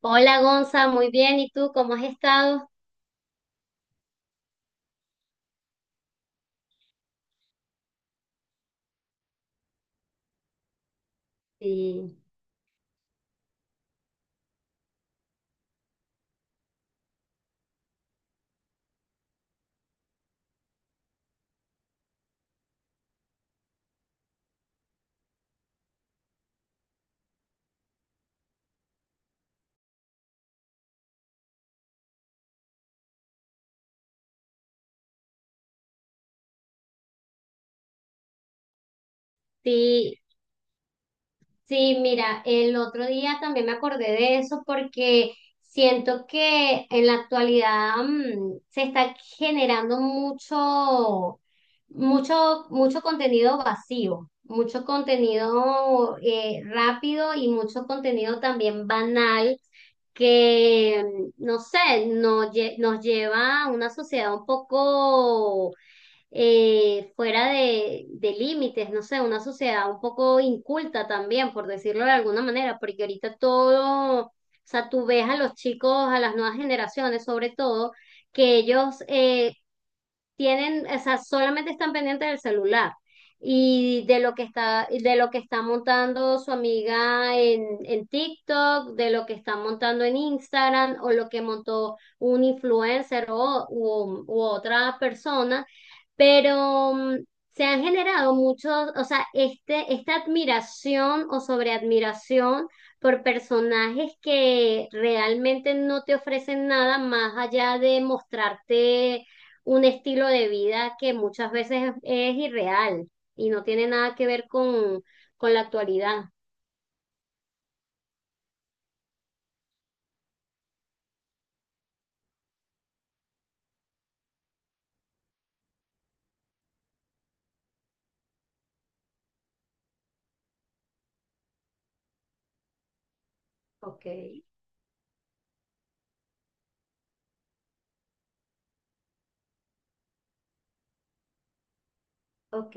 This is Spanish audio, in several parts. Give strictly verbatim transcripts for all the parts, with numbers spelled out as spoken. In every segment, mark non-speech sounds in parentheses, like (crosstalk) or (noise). Hola Gonza, muy bien. ¿Y tú cómo has estado? Sí, sí, sí, mira, el otro día también me acordé de eso porque siento que en la actualidad mm, se está generando mucho, mucho, mucho contenido vacío, mucho contenido eh, rápido y mucho contenido también banal que, mm, no sé, no lle- nos lleva a una sociedad un poco eh, fuera de, de límites, no sé, una sociedad un poco inculta también, por decirlo de alguna manera, porque ahorita todo, o sea, tú ves a los chicos, a las nuevas generaciones sobre todo, que ellos, eh, tienen, o sea, solamente están pendientes del celular y de lo que está, de lo que está montando su amiga en, en TikTok, de lo que está montando en Instagram o lo que montó un influencer o, u, u otra persona, pero mm, se han generado muchos, o sea, este, esta admiración o sobreadmiración por personajes que realmente no te ofrecen nada más allá de mostrarte un estilo de vida que muchas veces es, es irreal y no tiene nada que ver con, con la actualidad. Ok, ok,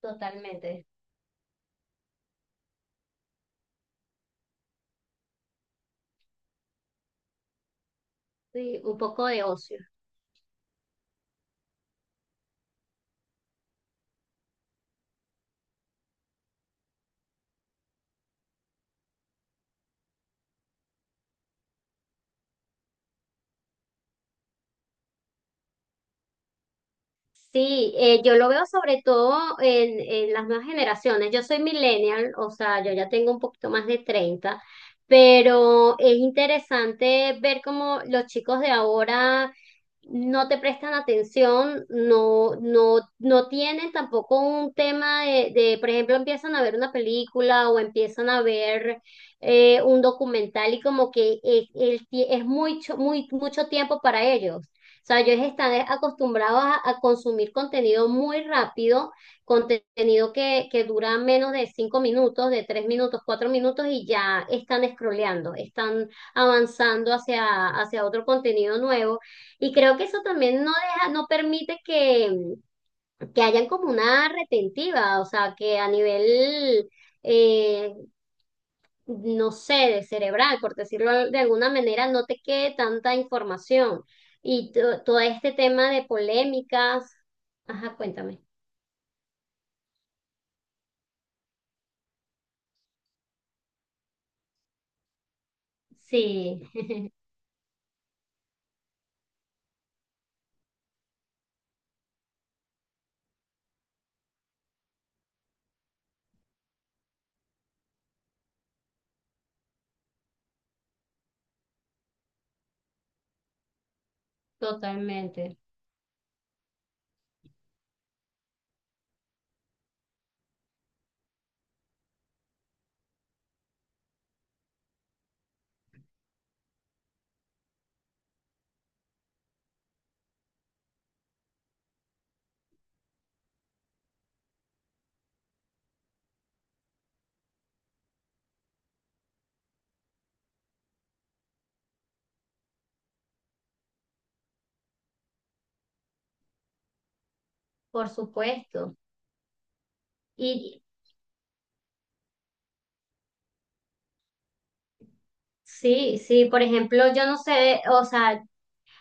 totalmente. Sí, un poco de ocio. Sí, eh, yo lo veo sobre todo en, en las nuevas generaciones. Yo soy millennial, o sea, yo ya tengo un poquito más de treinta, pero es interesante ver cómo los chicos de ahora no te prestan atención, no, no, no tienen tampoco un tema de, de, por ejemplo, empiezan a ver una película o empiezan a ver eh, un documental y como que es, el tie- es mucho, muy, mucho tiempo para ellos. O sea, ellos están acostumbrados a, a consumir contenido muy rápido, contenido que, que dura menos de cinco minutos, de tres minutos, cuatro minutos y ya están scrolleando, están avanzando hacia, hacia otro contenido nuevo. Y creo que eso también no deja, no permite que, que hayan como una retentiva, o sea, que a nivel, eh, no sé, de cerebral, por decirlo de alguna manera, no te quede tanta información. Y to- todo este tema de polémicas, ajá, cuéntame. Sí, (laughs) totalmente, por supuesto. Y sí, sí, por ejemplo, yo no sé, o sea,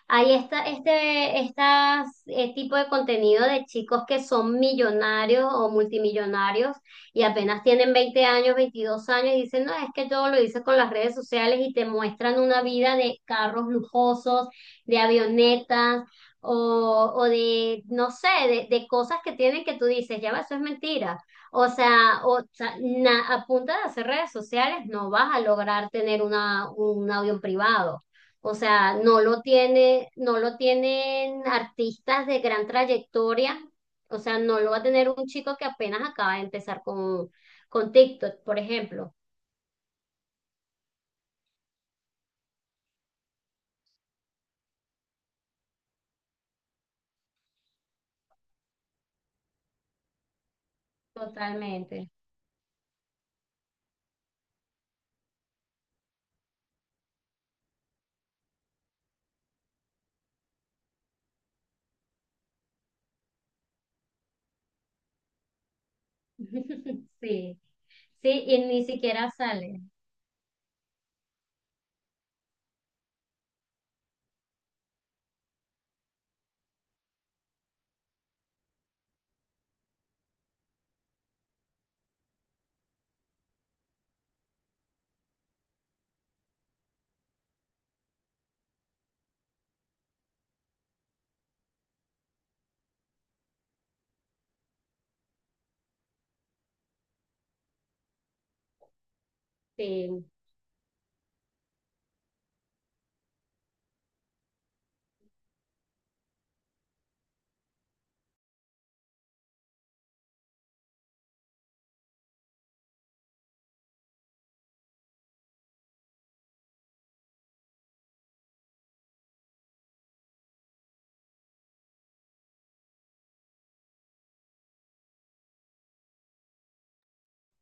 hay esta, este, estas, eh, tipo de contenido de chicos que son millonarios o multimillonarios y apenas tienen veinte años, veintidós años y dicen, no, es que yo lo hice con las redes sociales y te muestran una vida de carros lujosos, de avionetas o, o de, no sé, de, de cosas que tienen que tú dices, ya va, eso es mentira. O sea, o sea, na- a punta de hacer redes sociales no vas a lograr tener una, un avión privado. O sea, no lo tiene, no lo tienen artistas de gran trayectoria. O sea, no lo va a tener un chico que apenas acaba de empezar con, con TikTok, por ejemplo. Totalmente. (laughs) Sí. Sí, y ni siquiera sale. Sí.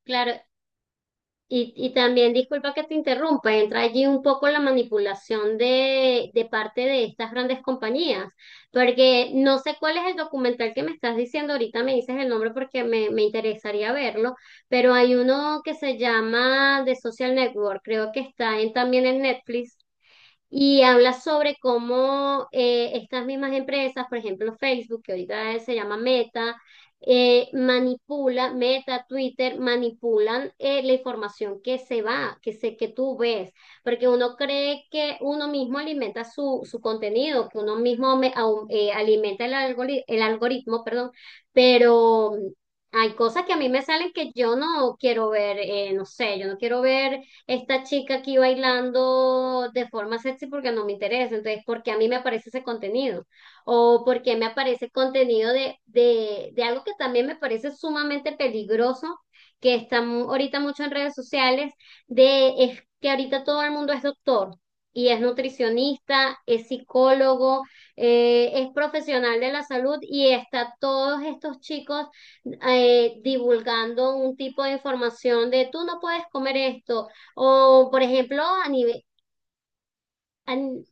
Claro, Y, y también, disculpa que te interrumpa, entra allí un poco la manipulación de, de parte de estas grandes compañías, porque no sé cuál es el documental que me estás diciendo, ahorita me dices el nombre porque me, me interesaría verlo, pero hay uno que se llama The Social Network, creo que está en, también en Netflix, y habla sobre cómo eh, estas mismas empresas, por ejemplo Facebook, que ahorita se llama Meta, eh, manipula, Meta, Twitter, manipulan eh, la información que se va, que se, que tú ves, porque uno cree que uno mismo alimenta su, su contenido, que uno mismo me- au- eh, alimenta el algori- el algoritmo, perdón, pero hay cosas que a mí me salen que yo no quiero ver, eh, no sé, yo no quiero ver esta chica aquí bailando de forma sexy porque no me interesa. Entonces, ¿por qué a mí me aparece ese contenido? O porque me aparece contenido de, de, de algo que también me parece sumamente peligroso, que está mu- ahorita mucho en redes sociales, de es que ahorita todo el mundo es doctor. Y es nutricionista, es psicólogo, eh, es profesional de la salud y está todos estos chicos eh, divulgando un tipo de información de tú no puedes comer esto, o, por ejemplo, a nivel, an-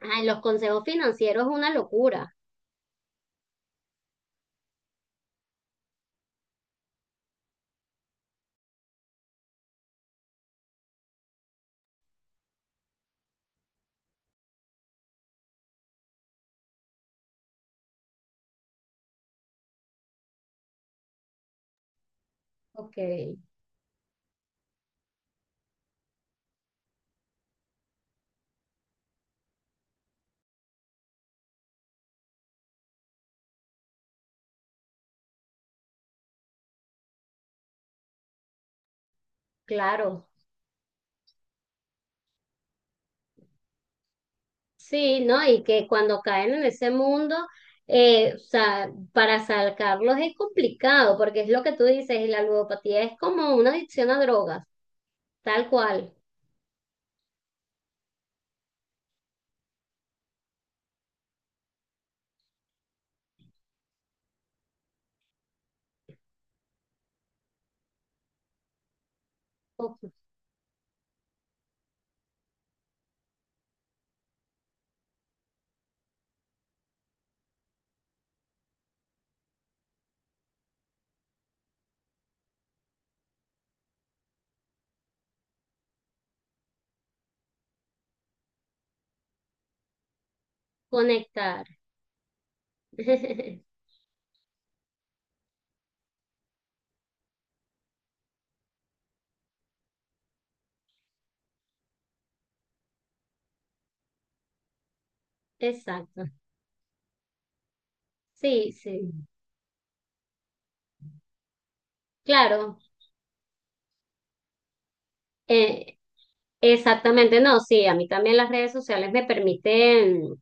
ah, los consejos financieros es una locura. Ok, claro. Sí, ¿no? Y que cuando caen en ese mundo, eh, o sea, para sacarlos es complicado, porque es lo que tú dices, y la ludopatía es como una adicción a drogas, tal cual. Co- Conectar. (laughs) Exacto. Sí, sí. Claro. Eh, Exactamente, no, sí, a mí también las redes sociales me permiten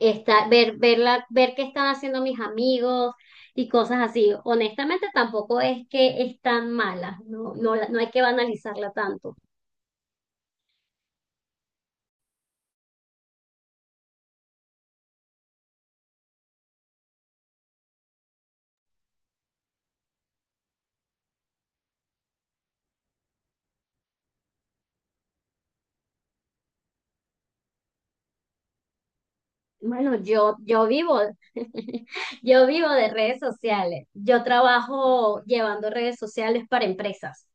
esta- ver, ver, la- ver qué están haciendo mis amigos y cosas así. Honestamente, tampoco es que es tan mala, no, no, la- no hay que banalizarla tanto. Bueno, yo, yo vivo, (laughs) yo vivo de redes sociales. Yo trabajo llevando redes sociales para empresas.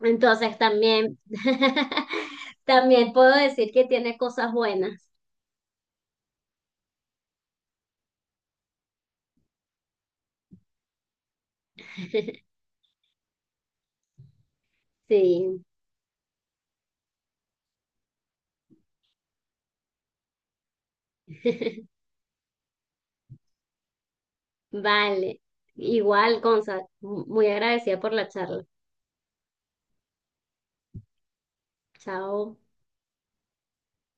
Entonces también, (laughs) también puedo decir que tiene cosas buenas. (laughs) Sí. Vale. Igual, Gonza, muy agradecida por la charla. Chao.